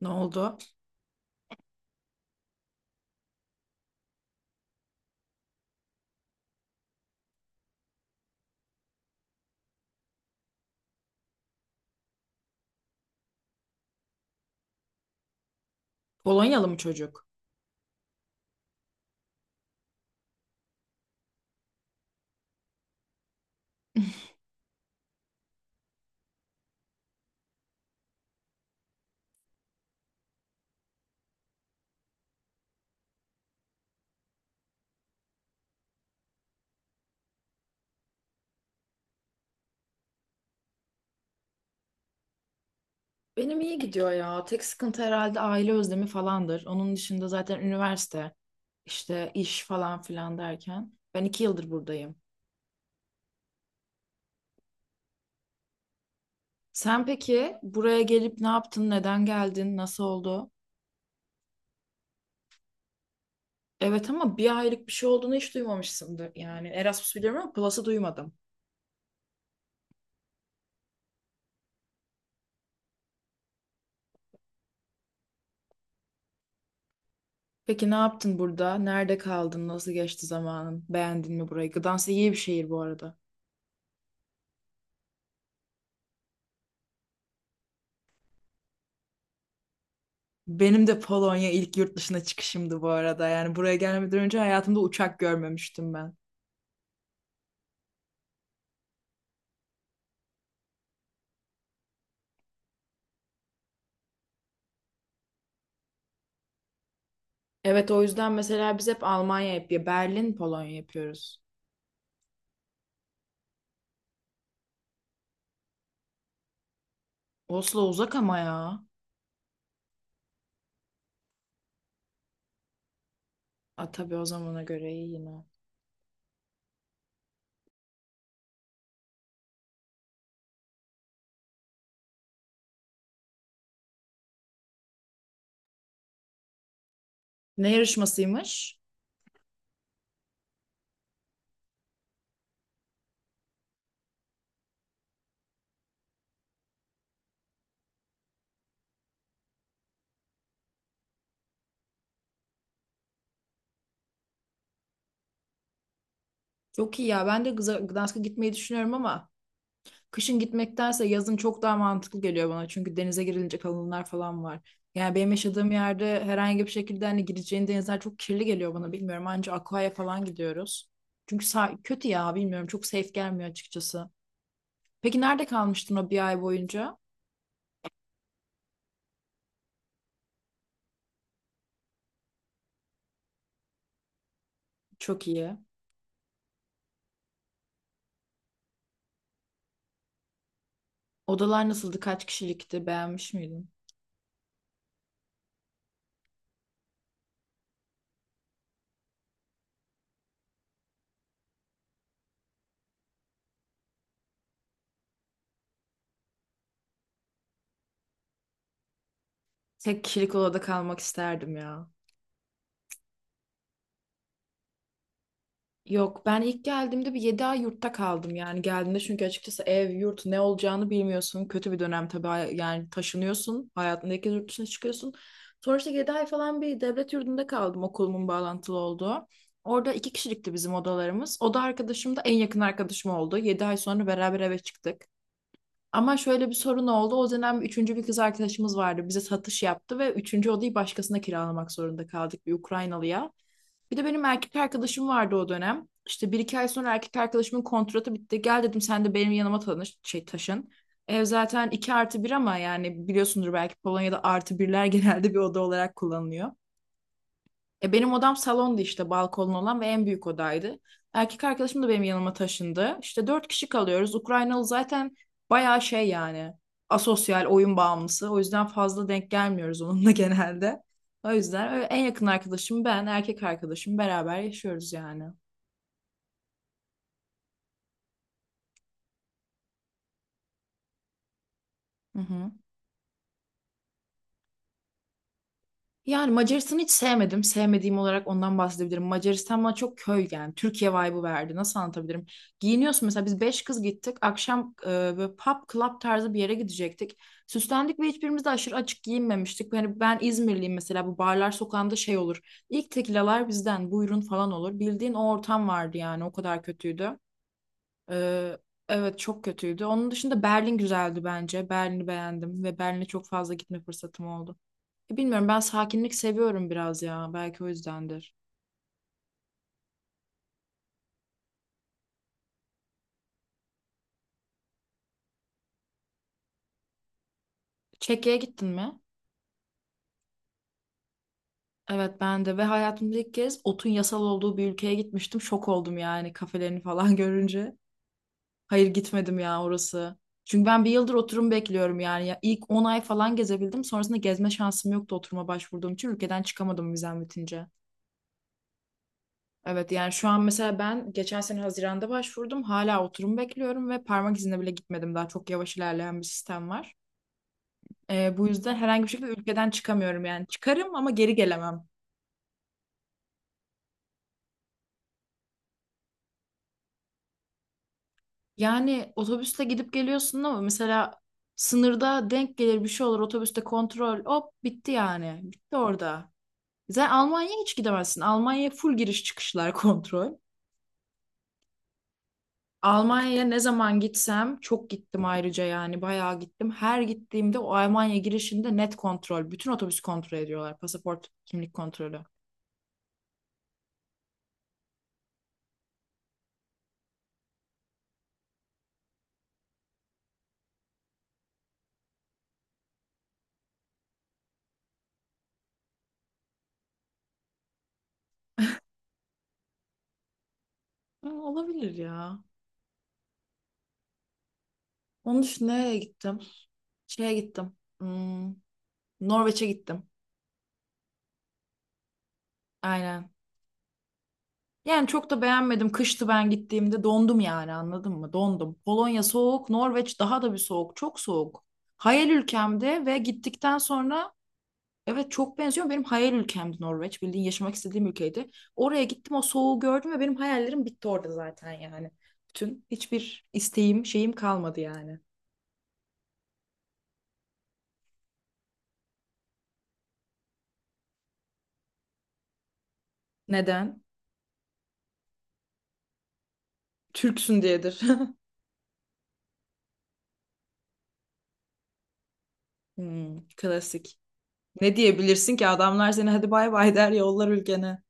Ne oldu? Polonyalı mı çocuk? Benim iyi gidiyor ya. Tek sıkıntı herhalde aile özlemi falandır. Onun dışında zaten üniversite, işte iş falan filan derken. Ben iki yıldır buradayım. Sen peki buraya gelip ne yaptın, neden geldin, nasıl oldu? Evet ama bir aylık bir şey olduğunu hiç duymamışsındır. Yani Erasmus biliyorum ama Plus'ı duymadım. Peki ne yaptın burada? Nerede kaldın? Nasıl geçti zamanın? Beğendin mi burayı? Gdansk iyi bir şehir bu arada. Benim de Polonya ilk yurt dışına çıkışımdı bu arada. Yani buraya gelmeden önce hayatımda uçak görmemiştim ben. Evet, o yüzden mesela biz hep Almanya yapıyor. Berlin, Polonya yapıyoruz. Oslo uzak ama ya. A, tabii o zamana göre iyi yine. Ne yarışmasıymış? Çok iyi ya. Ben de Gdansk'a gitmeyi düşünüyorum ama kışın gitmektense yazın çok daha mantıklı geliyor bana. Çünkü denize girilecek alanlar falan var. Yani benim yaşadığım yerde herhangi bir şekilde hani gireceğin denizler çok kirli geliyor bana, bilmiyorum. Anca Aqua'ya falan gidiyoruz. Çünkü kötü ya, bilmiyorum, çok safe gelmiyor açıkçası. Peki nerede kalmıştın o bir ay boyunca? Çok iyi. Odalar nasıldı? Kaç kişilikti? Beğenmiş miydin? Tek kişilik odada kalmak isterdim ya. Yok, ben ilk geldiğimde bir 7 ay yurtta kaldım, yani geldiğimde, çünkü açıkçası ev yurt ne olacağını bilmiyorsun. Kötü bir dönem tabii. Yani taşınıyorsun, hayatındaki yurt dışına çıkıyorsun. Sonra işte 7 ay falan bir devlet yurdunda kaldım, okulumun bağlantılı olduğu. Orada iki kişilikti bizim odalarımız. Oda arkadaşım da en yakın arkadaşım oldu. 7 ay sonra beraber eve çıktık. Ama şöyle bir sorun oldu. O dönem üçüncü bir kız arkadaşımız vardı. Bize satış yaptı ve üçüncü odayı başkasına kiralamak zorunda kaldık, bir Ukraynalıya. Bir de benim erkek arkadaşım vardı o dönem. İşte bir iki ay sonra erkek arkadaşımın kontratı bitti. Gel dedim, sen de benim yanıma tanış, şey, taşın. Ev zaten 2 artı bir ama yani biliyorsundur belki, Polonya'da artı birler genelde bir oda olarak kullanılıyor. E, benim odam salondu işte, balkonlu olan ve en büyük odaydı. Erkek arkadaşım da benim yanıma taşındı. İşte dört kişi kalıyoruz. Ukraynalı zaten bayağı şey yani, asosyal, oyun bağımlısı. O yüzden fazla denk gelmiyoruz onunla genelde. O yüzden öyle, en yakın arkadaşım, ben, erkek arkadaşım beraber yaşıyoruz yani. Hı hı. Yani Macaristan'ı hiç sevmedim. Sevmediğim olarak ondan bahsedebilirim. Macaristan bana çok köy yani. Türkiye vibe'ı verdi. Nasıl anlatabilirim? Giyiniyorsun mesela, biz beş kız gittik. Akşam böyle pub club tarzı bir yere gidecektik. Süslendik ve hiçbirimiz de aşırı açık giyinmemiştik. Yani ben İzmirliyim mesela, bu barlar sokağında şey olur. İlk tekilalar bizden, buyurun falan olur. Bildiğin o ortam vardı yani, o kadar kötüydü. E, evet, çok kötüydü. Onun dışında Berlin güzeldi bence. Berlin'i beğendim ve Berlin'e çok fazla gitme fırsatım oldu. Bilmiyorum, ben sakinlik seviyorum biraz ya. Belki o yüzdendir. Çekya'ya gittin mi? Evet, ben de, ve hayatımda ilk kez otun yasal olduğu bir ülkeye gitmiştim. Şok oldum yani, kafelerini falan görünce. Hayır, gitmedim ya orası. Çünkü ben bir yıldır oturum bekliyorum yani. Ya ilk 10 ay falan gezebildim. Sonrasında gezme şansım yoktu, oturuma başvurduğum için. Ülkeden çıkamadım vizem bitince. Evet, yani şu an mesela ben geçen sene Haziran'da başvurdum. Hala oturum bekliyorum ve parmak izine bile gitmedim. Daha çok yavaş ilerleyen bir sistem var. Bu yüzden herhangi bir şekilde ülkeden çıkamıyorum yani. Çıkarım ama geri gelemem. Yani otobüsle gidip geliyorsun ama mesela sınırda denk gelir, bir şey olur otobüste, kontrol, hop, bitti yani. Bitti orada. Sen Almanya'ya hiç gidemezsin. Almanya'ya full giriş çıkışlar kontrol. Almanya'ya ne zaman gitsem, çok gittim ayrıca yani, bayağı gittim. Her gittiğimde o Almanya girişinde net kontrol. Bütün otobüs kontrol ediyorlar. Pasaport, kimlik kontrolü. Ha, olabilir ya. Onun için nereye gittim? Şeye gittim. Hmm. Norveç'e gittim. Aynen. Yani çok da beğenmedim. Kıştı ben gittiğimde, dondum yani, anladın mı? Dondum. Polonya soğuk, Norveç daha da bir soğuk. Çok soğuk. Hayal ülkemdi ve gittikten sonra evet, çok benziyor. Benim hayal ülkemdi Norveç. Bildiğin yaşamak istediğim ülkeydi. Oraya gittim, o soğuğu gördüm ve benim hayallerim bitti orada zaten yani. Bütün hiçbir isteğim, şeyim kalmadı yani. Neden? Türksün diyedir. Hmm, klasik. Ne diyebilirsin ki, adamlar seni hadi bay bay der, yollar ülkene.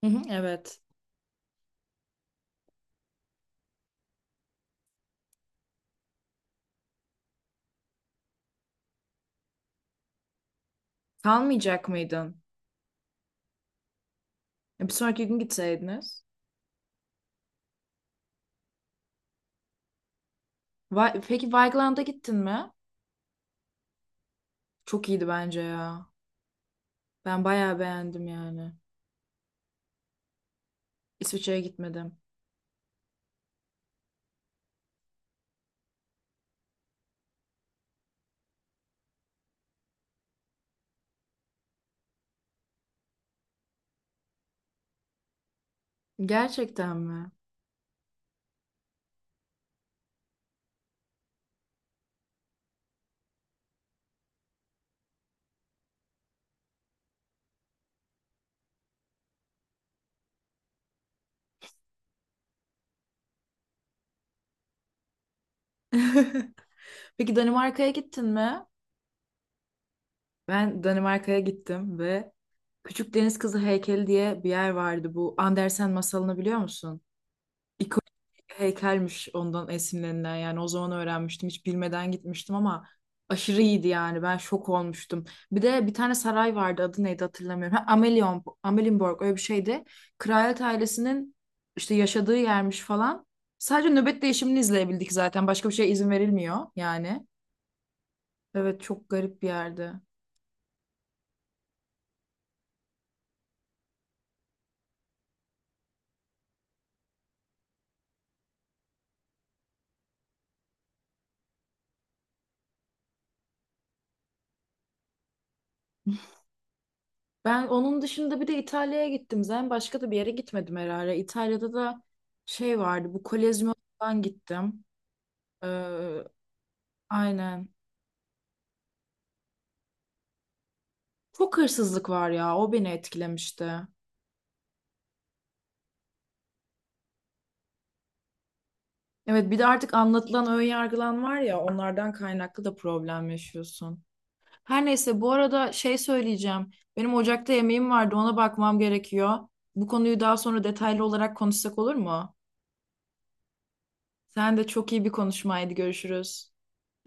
Hı hı, evet. Kalmayacak mıydın? Bir sonraki gün gitseydiniz. Peki Vigeland'a gittin mi? Çok iyiydi bence ya. Ben bayağı beğendim yani. İsviçre'ye gitmedim. Gerçekten mi? Peki Danimarka'ya gittin mi? Ben Danimarka'ya gittim ve Küçük Deniz Kızı Heykeli diye bir yer vardı. Bu Andersen masalını biliyor musun? Heykelmiş ondan esinlenilen, yani o zaman öğrenmiştim, hiç bilmeden gitmiştim ama aşırı iyiydi yani, ben şok olmuştum. Bir de bir tane saray vardı, adı neydi hatırlamıyorum. Ha, Amelion, Amelienborg öyle bir şeydi. Kraliyet ailesinin işte yaşadığı yermiş falan. Sadece nöbet değişimini izleyebildik, zaten başka bir şeye izin verilmiyor yani. Evet, çok garip bir yerdi. Ben onun dışında bir de İtalya'ya gittim, zaten başka da bir yere gitmedim herhalde. İtalya'da da şey vardı, bu Kolezyum'a falan gittim. Ee, Aynen. Çok hırsızlık var ya, o beni etkilemişti. Evet, bir de artık anlatılan ön yargılan var ya, onlardan kaynaklı da problem yaşıyorsun. Her neyse, bu arada şey söyleyeceğim. Benim ocakta yemeğim vardı, ona bakmam gerekiyor. Bu konuyu daha sonra detaylı olarak konuşsak olur mu? Sen de, çok iyi bir konuşmaydı, görüşürüz.